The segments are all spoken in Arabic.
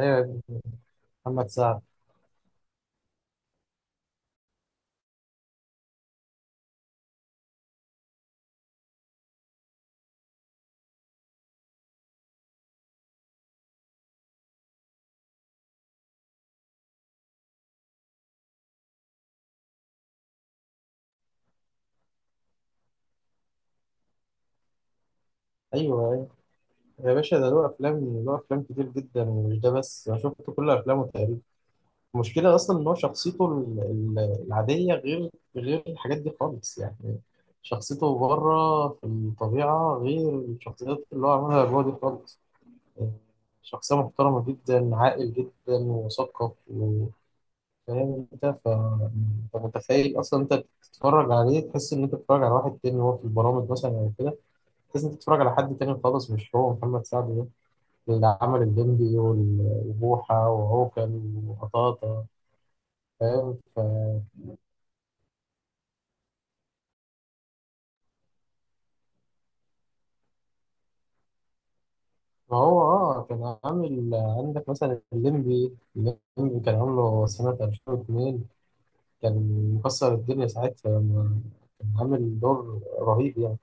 ايوه يا ابني، محمد سعد. ايوه أيوة. يا باشا ده له افلام كتير جدا، ومش ده بس، انا شفت كل افلامه تقريبا. المشكله اصلا ان هو شخصيته العاديه غير الحاجات دي خالص يعني. شخصيته بره في الطبيعه غير الشخصيات اللي هو عملها جوه دي خالص. شخصيه محترمه جدا، عاقل جدا ومثقف وفاهم. انت متخيل اصلا انت بتتفرج عليه، تحس ان انت بتتفرج على واحد تاني. وهو في البرامج مثلا او كده، لازم تتفرج على حد تاني خالص، مش هو محمد سعد ده اللي عمل الليمبي وبوحة وعوكل وقطاطة. فاهم. ما هو اه كان عامل عندك مثلا الليمبي، كان عامله سنة 2002. كان مكسر الدنيا ساعتها، لما كان عامل دور رهيب يعني.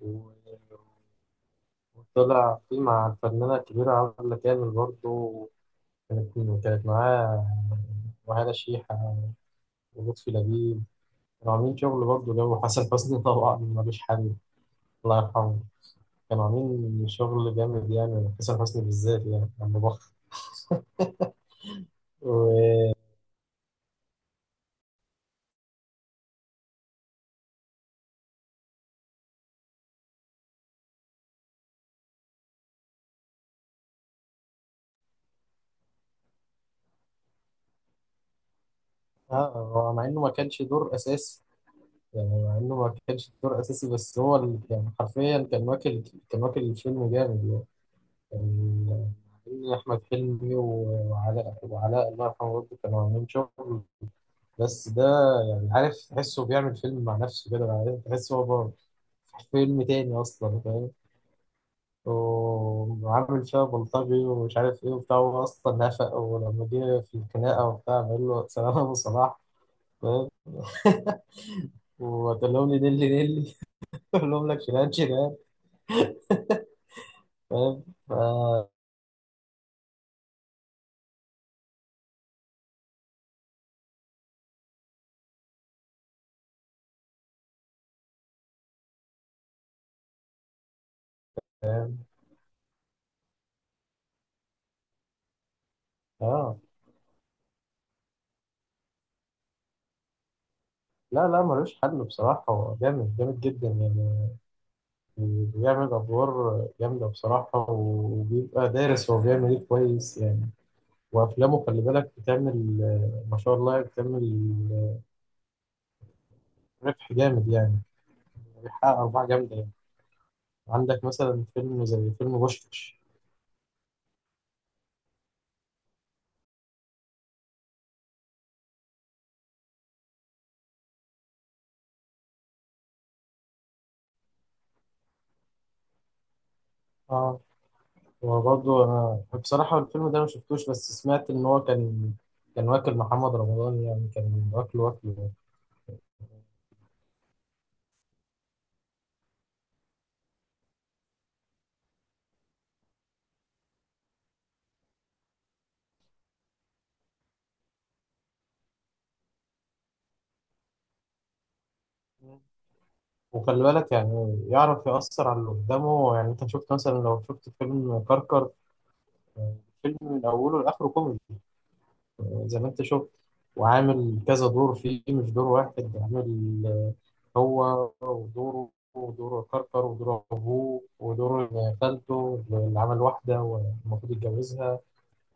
و- وطلع فيه مع الفنانة الكبيرة عبلة كامل برضه. كانت كانت معاه، وهذا شيحة ولطفي لبيب. كانوا عاملين شغل برضه، جو حسن حسني طبعا ملوش حل، الله يرحمه. كانوا عاملين شغل جامد يعني، حسن حسني بالذات يعني لما بخ و... مع إنه ما كانش دور أساسي. يعني مع إنه ما كانش دور أساسي، بس هو يعني حرفيا كان واكل. كان واكل الفيلم جامد يعني. كان عاملين أحمد حلمي وعلاء، الله يرحمه برضه، كانوا عاملين شغل. بس ده يعني، عارف، تحسه بيعمل فيلم مع نفسه كده، بعدين تحسه هو بره في فيلم تاني أصلا. فاهم. وعامل فيها بلطجي ومش عارف ايه وبتاع، هو اصلا نافق، ولما جه في الخناقه وبتاع بقول له سلام يا ابو صلاح. فاهم. وتقول لهم لي نيلي نيلي. تقول لهم لك شيلان شيلان. فاهم اه. لا لا ملوش حل بصراحة، هو جامد جامد جدا يعني. بيعمل أدوار جامدة بصراحة، وبيبقى دارس هو بيعمل إيه كويس يعني. وأفلامه خلي بالك بتعمل، ما شاء الله، بتعمل ربح جامد يعني، بيحقق أرباح جامدة. عندك مثلا فيلم زي فيلم بوشكاش. اه. وبرضه انا بصراحة الفيلم ده انا مشفتوش، بس سمعت ان هو كان واكل محمد رمضان يعني، كان واكله واكله. وخلي بالك يعني يعرف يأثر على اللي قدامه يعني. انت شفت مثلا، لو شفت فيلم كركر، فيلم من اوله لاخره كوميدي، زي ما انت شفت. وعامل كذا دور فيه، مش دور واحد، عامل هو ودوره ودور كركر ودور أبوه ودور خالته اللي عمل واحدة والمفروض يتجوزها.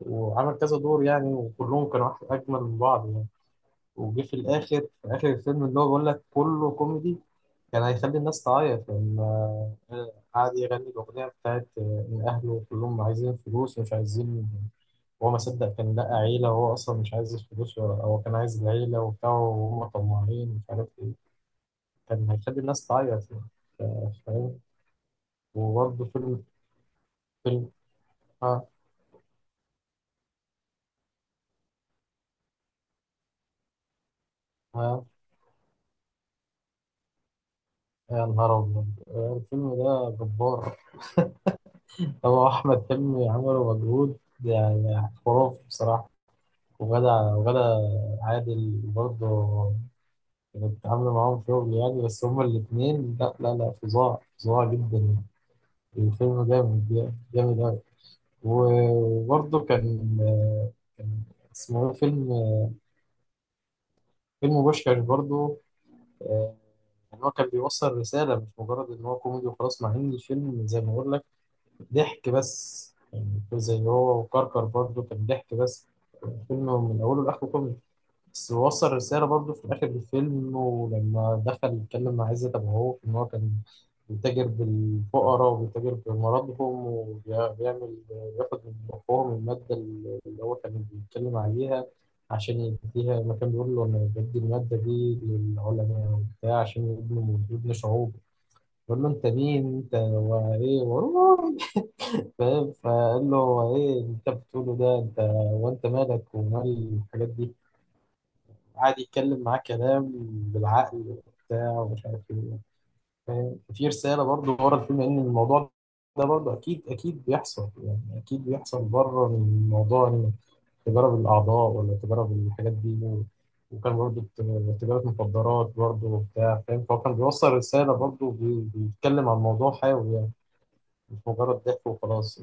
وعمل كذا دور يعني، وكلهم كانوا أجمل من بعض يعني. وجه في الآخر، في آخر الفيلم، اللي هو بيقول لك كله كوميدي، كان هيخلي الناس تعيط. لأن آه، قعد يغني الأغنية بتاعت إن أهله كلهم عايزين فلوس ومش عايزين، هو ما صدق كان لقى عيلة، وهو أصلا مش عايز الفلوس هو كان عايز العيلة وبتاع، وهم طماعين مش عارف إيه. كان هيخلي الناس تعيط يعني. ف- فاهم. وبرضه فيلم. ها ها. يا نهار أبيض، الفيلم ده جبار. هو أحمد حلمي عمله مجهود يعني خرافي بصراحة. وغدا وغدا عادل برضه كانت عاملة معاهم شغل يعني. بس هما الاتنين لا لا لا، فظاع فظاع جدا يعني. الفيلم جامد جامد أوي. وبرضه كان اسمه إيه؟ فيلم بوشكاش برضه. آه، يعني هو كان بيوصل رسالة، مش مجرد إن هو كوميدي وخلاص، مع إن الفيلم زي ما بقول لك ضحك بس يعني، زي هو وكركر برضه كان ضحك بس، الفيلم من أوله لآخره كوميدي. بس وصل رسالة برضه في آخر الفيلم، إنه لما دخل يتكلم مع عزت أبو عوف إن هو كان بيتاجر بالفقراء وبيتاجر بمرضهم وبيعمل ياخد من أخوهم المادة اللي هو كان بيتكلم عليها عشان يديها، ما كان بيقول له أنا بدي المادة دي للعلماء وبتاع عشان يبنوا شعوب. بيقول له أنت مين أنت وإيه فاهم. فقال له إيه اللي أنت بتقوله ده، أنت وأنت مالك ومال الحاجات دي. قاعد يتكلم معاه كلام بالعقل وبتاع ومش عارف ايه. فاهم. في رسالة برضه ورا الفيلم، لأن الموضوع ده برضه أكيد أكيد بيحصل يعني، أكيد بيحصل بره، من موضوع إن تجارب الأعضاء ولا تجارب الحاجات دي وكان برضه تجارة مخدرات برضه وبتاع. فاهم. فهو كان بيوصل رسالة برضه، بيتكلم عن موضوع حيوي يعني، مش مجرد ضحك وخلاص.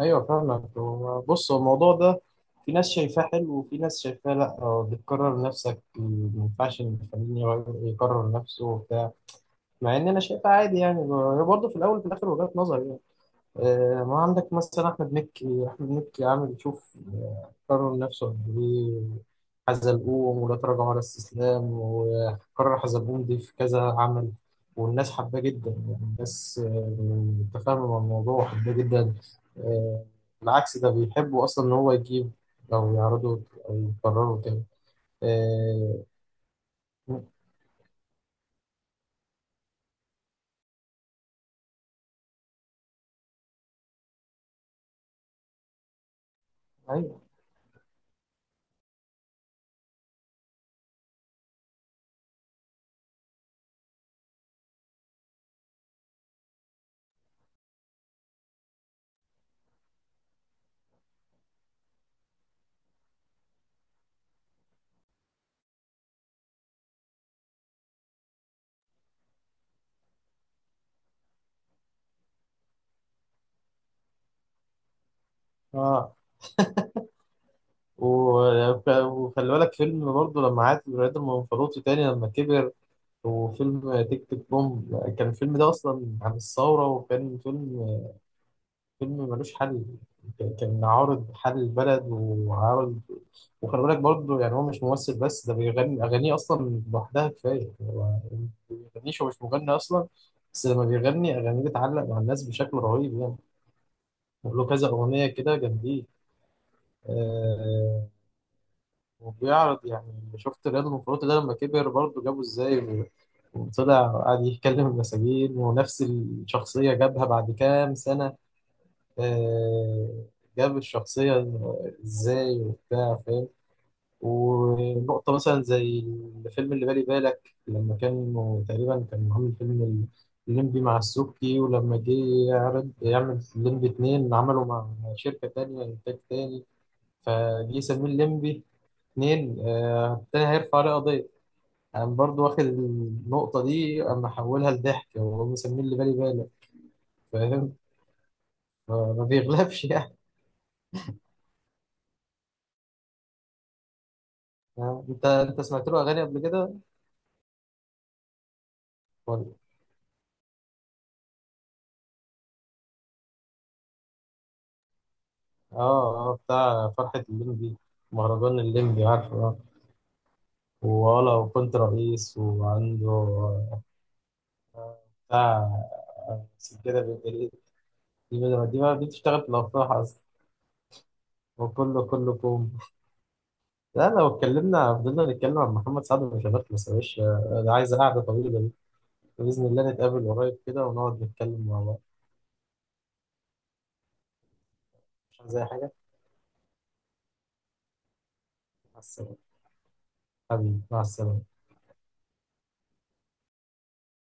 ايوه فاهمك. بص، هو الموضوع ده في ناس شايفاه حلو وفي ناس شايفاه لا. بتكرر نفسك، ما ينفعش إن الفنان يكرر نفسه وبتاع. مع ان انا شايفها عادي يعني، برضه في الاول وفي الاخر وجهات نظر يعني. ما عندك مثلا أحمد مكي. أحمد مكي عامل، شوف، كرر نفسه قد إيه. حزلقوم، ولا تراجع ولا استسلام، وكرر حزلقوم دي في كذا عمل. والناس حباه جدا يعني، الناس متفاهمة مع الموضوع وحباه جدا. آه، بالعكس ده بيحبوا أصلا إن هو يجيب أو يعرضه أو يكرره تاني. آه، أيوه. آه. وخلي بالك فيلم برضه لما عاد رياض المنفلوطي تاني لما كبر. وفيلم تيك تيك بوم، كان الفيلم ده أصلا عن الثورة، وكان فيلم ملوش حل. كان عارض حل البلد وعارض. وخلي بالك برضه يعني هو مش ممثل بس، ده بيغني أغانيه أصلا لوحدها كفاية. هو ما بيغنيش، هو مش مغني أصلا، بس لما بيغني أغانيه بتعلق مع الناس بشكل رهيب يعني. له كذا أغنية كده جامدين. آه. وبيعرض يعني، شفت رياض منفلوطي ده لما كبر برضه جابه إزاي، وطلع وقعد يتكلم المساجين، ونفس الشخصية جابها بعد كام سنة. آه، جاب الشخصية ازاي وبتاع. فاهم. ونقطة مثلا زي الفيلم اللي بالي بالك، لما كانوا تقريبا كان عامل فيلم الليمبي مع السبكي، ولما جه يعرض يعمل الليمبي اتنين، عمله مع شركة تانية، إنتاج تاني. فجه يسميه الليمبي اتنين، التاني هيرفع عليه قضية. انا برضو واخد النقطه دي، اما احولها لضحك، وهو مسميه اللي بالي بالك. فاهم. ما بيغلبش يعني. انت سمعت له اغاني قبل كده ولا؟ اه اه، بتاع فرحه الليمبي، مهرجان الليمبي، عارفه اه. ولا وكنت رئيس وعنده بتاع. سجادة بالإيد. دي ما دي ما- دي بتشتغل في الافراح اصلا. وكله كلكم. لا، لو اتكلمنا فضلنا نتكلم عن محمد سعد مش هنخلص يا باشا، ده عايز قعده طويله. بإذن الله نتقابل قريب كده ونقعد نتكلم مع بعض. مش عايز أي حاجة. مع السلامة. حبيبي مع السلامة.